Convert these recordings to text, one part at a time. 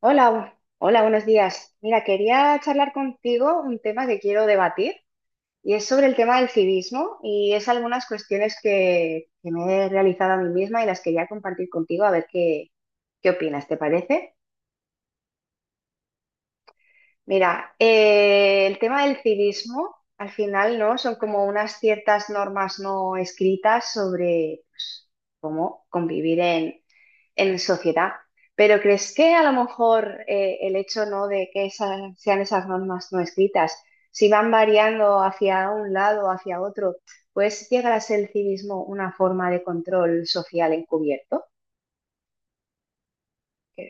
Hola, bu- hola, buenos días. Mira, quería charlar contigo un tema que quiero debatir y es sobre el tema del civismo y es algunas cuestiones que me he realizado a mí misma y las quería compartir contigo a ver qué opinas, ¿te parece? Mira, el tema del civismo al final, ¿no? Son como unas ciertas normas no escritas sobre pues, cómo convivir en sociedad. Pero ¿crees que a lo mejor el hecho no de que sean esas normas no escritas, si van variando hacia un lado o hacia otro, pues llegar a ser el civismo una forma de control social encubierto? Que,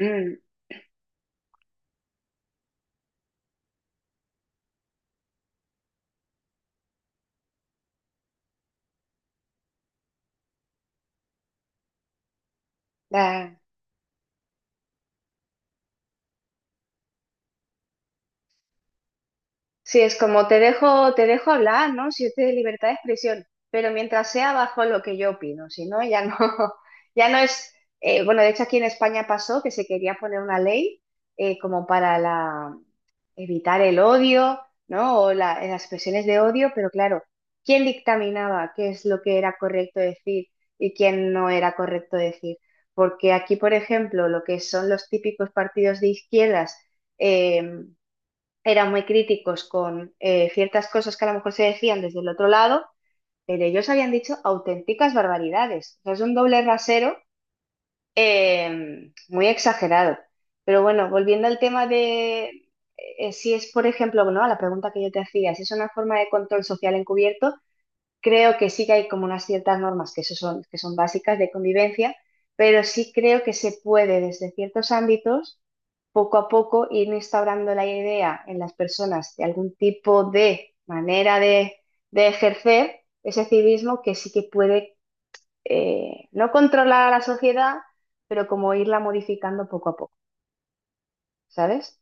mm, Sí, es como te dejo hablar, ¿no? Si usted es libertad de expresión, pero mientras sea bajo lo que yo opino, si no, ya no, ya no es, bueno, de hecho aquí en España pasó que se quería poner una ley como para evitar el odio, ¿no? O las expresiones de odio, pero claro, ¿quién dictaminaba qué es lo que era correcto decir y quién no era correcto decir? Porque aquí, por ejemplo, lo que son los típicos partidos de izquierdas, em, eran muy críticos con ciertas cosas que a lo mejor se decían desde el otro lado, pero ellos habían dicho auténticas barbaridades. O sea, es un doble rasero muy exagerado. Pero bueno, volviendo al tema de si es, por ejemplo, ¿no? A la pregunta que yo te hacía, si es una forma de control social encubierto, creo que sí que hay como unas ciertas normas que, eso son, que son básicas de convivencia, pero sí creo que se puede desde ciertos ámbitos poco a poco ir instaurando la idea en las personas de algún tipo de manera de ejercer ese civismo que sí que puede no controlar a la sociedad, pero como irla modificando poco a poco, ¿sabes?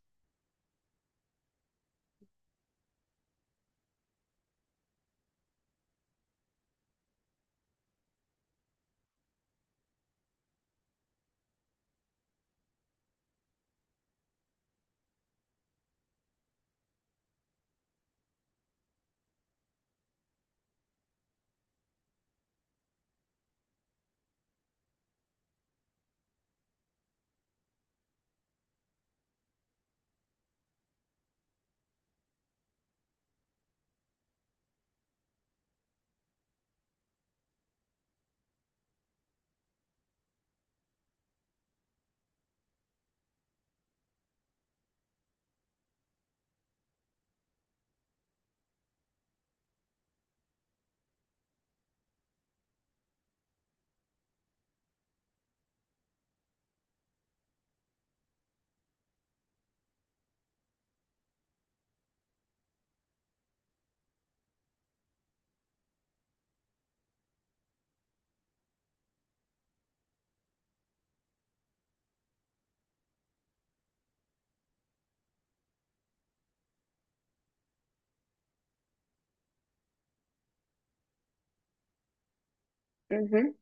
Ujú.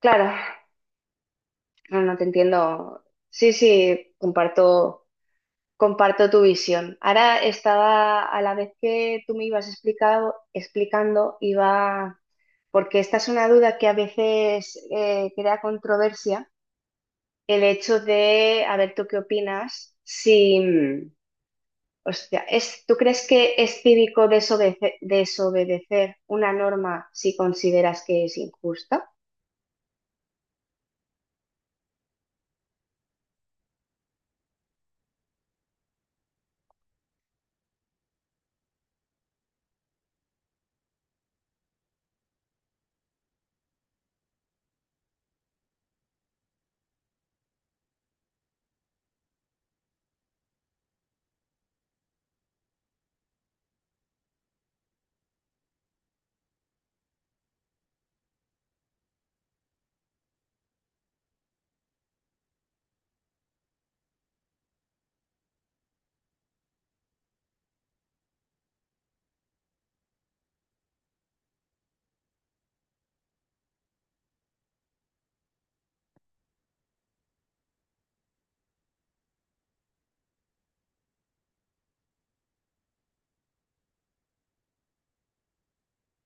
Claro, no, no te entiendo. Sí, sí, comparto tu visión. Ahora estaba, a la vez que tú me ibas explicando, iba, porque esta es una duda que a veces crea controversia, el hecho de, a ver, ¿tú qué opinas? Si, mm, hostia, es, ¿tú crees que es cívico desobedecer una norma si consideras que es injusta?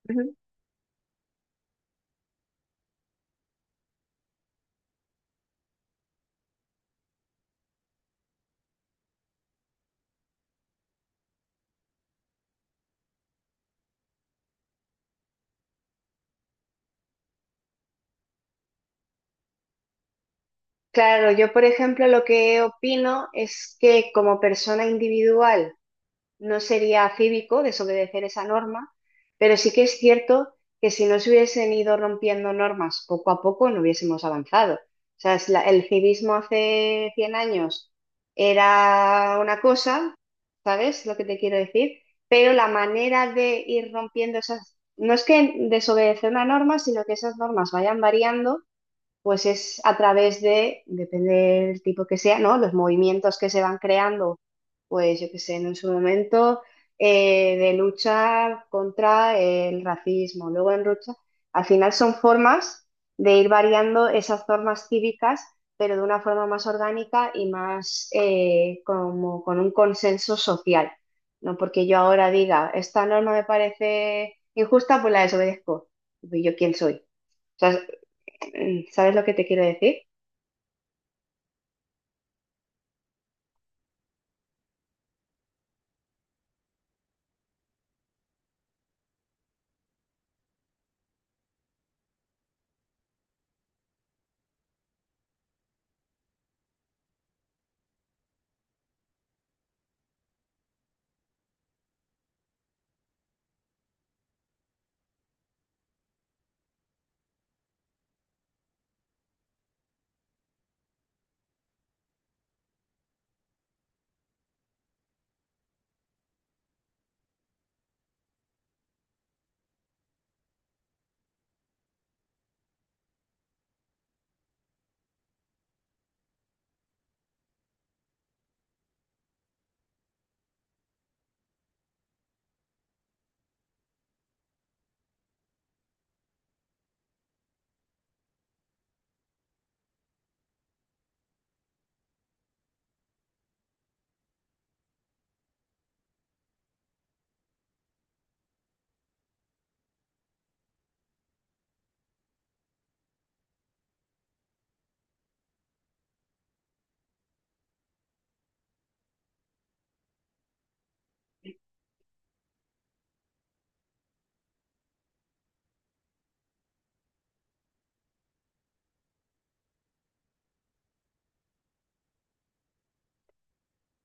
Ujú. Claro, yo por ejemplo lo que opino es que como persona individual, no sería cívico desobedecer esa norma, pero sí que es cierto que si no se hubiesen ido rompiendo normas poco a poco, no hubiésemos avanzado. O sea, es el civismo hace 100 años era una cosa, ¿sabes lo que te quiero decir? Pero la manera de ir rompiendo esas, no es que desobedecer una norma, sino que esas normas vayan variando, pues es a través de, depende del tipo que sea, ¿no? Los movimientos que se van creando, pues yo qué sé, en su momento, de luchar contra el racismo, luego en lucha, al final son formas de ir variando esas formas cívicas, pero de una forma más orgánica y más como con un consenso social, ¿no? Porque yo ahora diga, esta norma me parece injusta, pues la desobedezco. ¿Y yo quién soy? O sea, mm, ¿sabes lo que te quiero decir?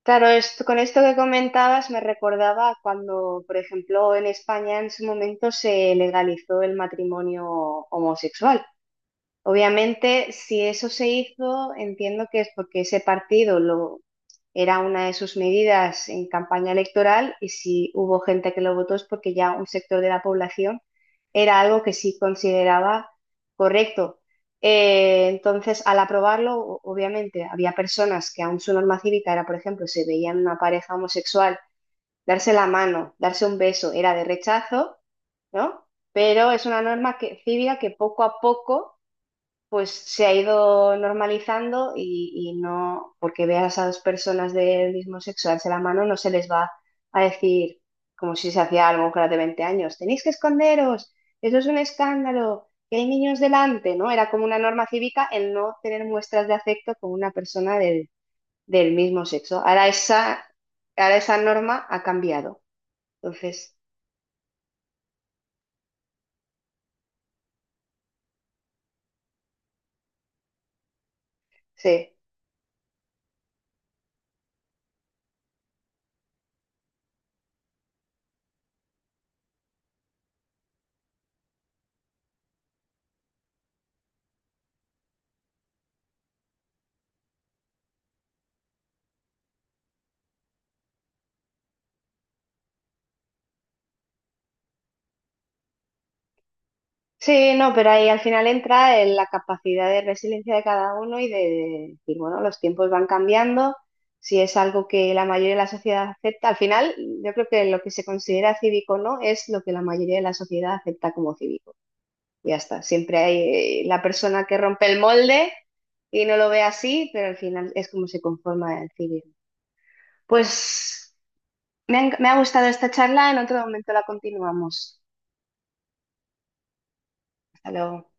Claro, con esto que comentabas me recordaba a cuando, por ejemplo, en España en su momento se legalizó el matrimonio homosexual. Obviamente, si eso se hizo, entiendo que es porque ese partido lo era una de sus medidas en campaña electoral, y si hubo gente que lo votó es porque ya un sector de la población era algo que sí consideraba correcto. Entonces, al aprobarlo, obviamente, había personas que aún su norma cívica era, por ejemplo, se veían una pareja homosexual, darse la mano, darse un beso, era de rechazo, ¿no? Pero es una norma que, cívica, que poco a poco pues se ha ido normalizando, y no, porque veas a dos personas del mismo sexo darse la mano, no se les va a decir como si se hacía algo con las de 20 años, tenéis que esconderos, eso es un escándalo, que hay niños delante, ¿no? Era como una norma cívica el no tener muestras de afecto con una persona del, del mismo sexo. Ahora esa norma ha cambiado. Entonces, sí. Sí, no, pero ahí al final entra en la capacidad de resiliencia de cada uno y de decir, bueno, los tiempos van cambiando, si es algo que la mayoría de la sociedad acepta, al final yo creo que lo que se considera cívico o no es lo que la mayoría de la sociedad acepta como cívico. Ya está, siempre hay la persona que rompe el molde y no lo ve así, pero al final es como se conforma el cívico. Pues me ha gustado esta charla, en otro momento la continuamos. Hasta luego.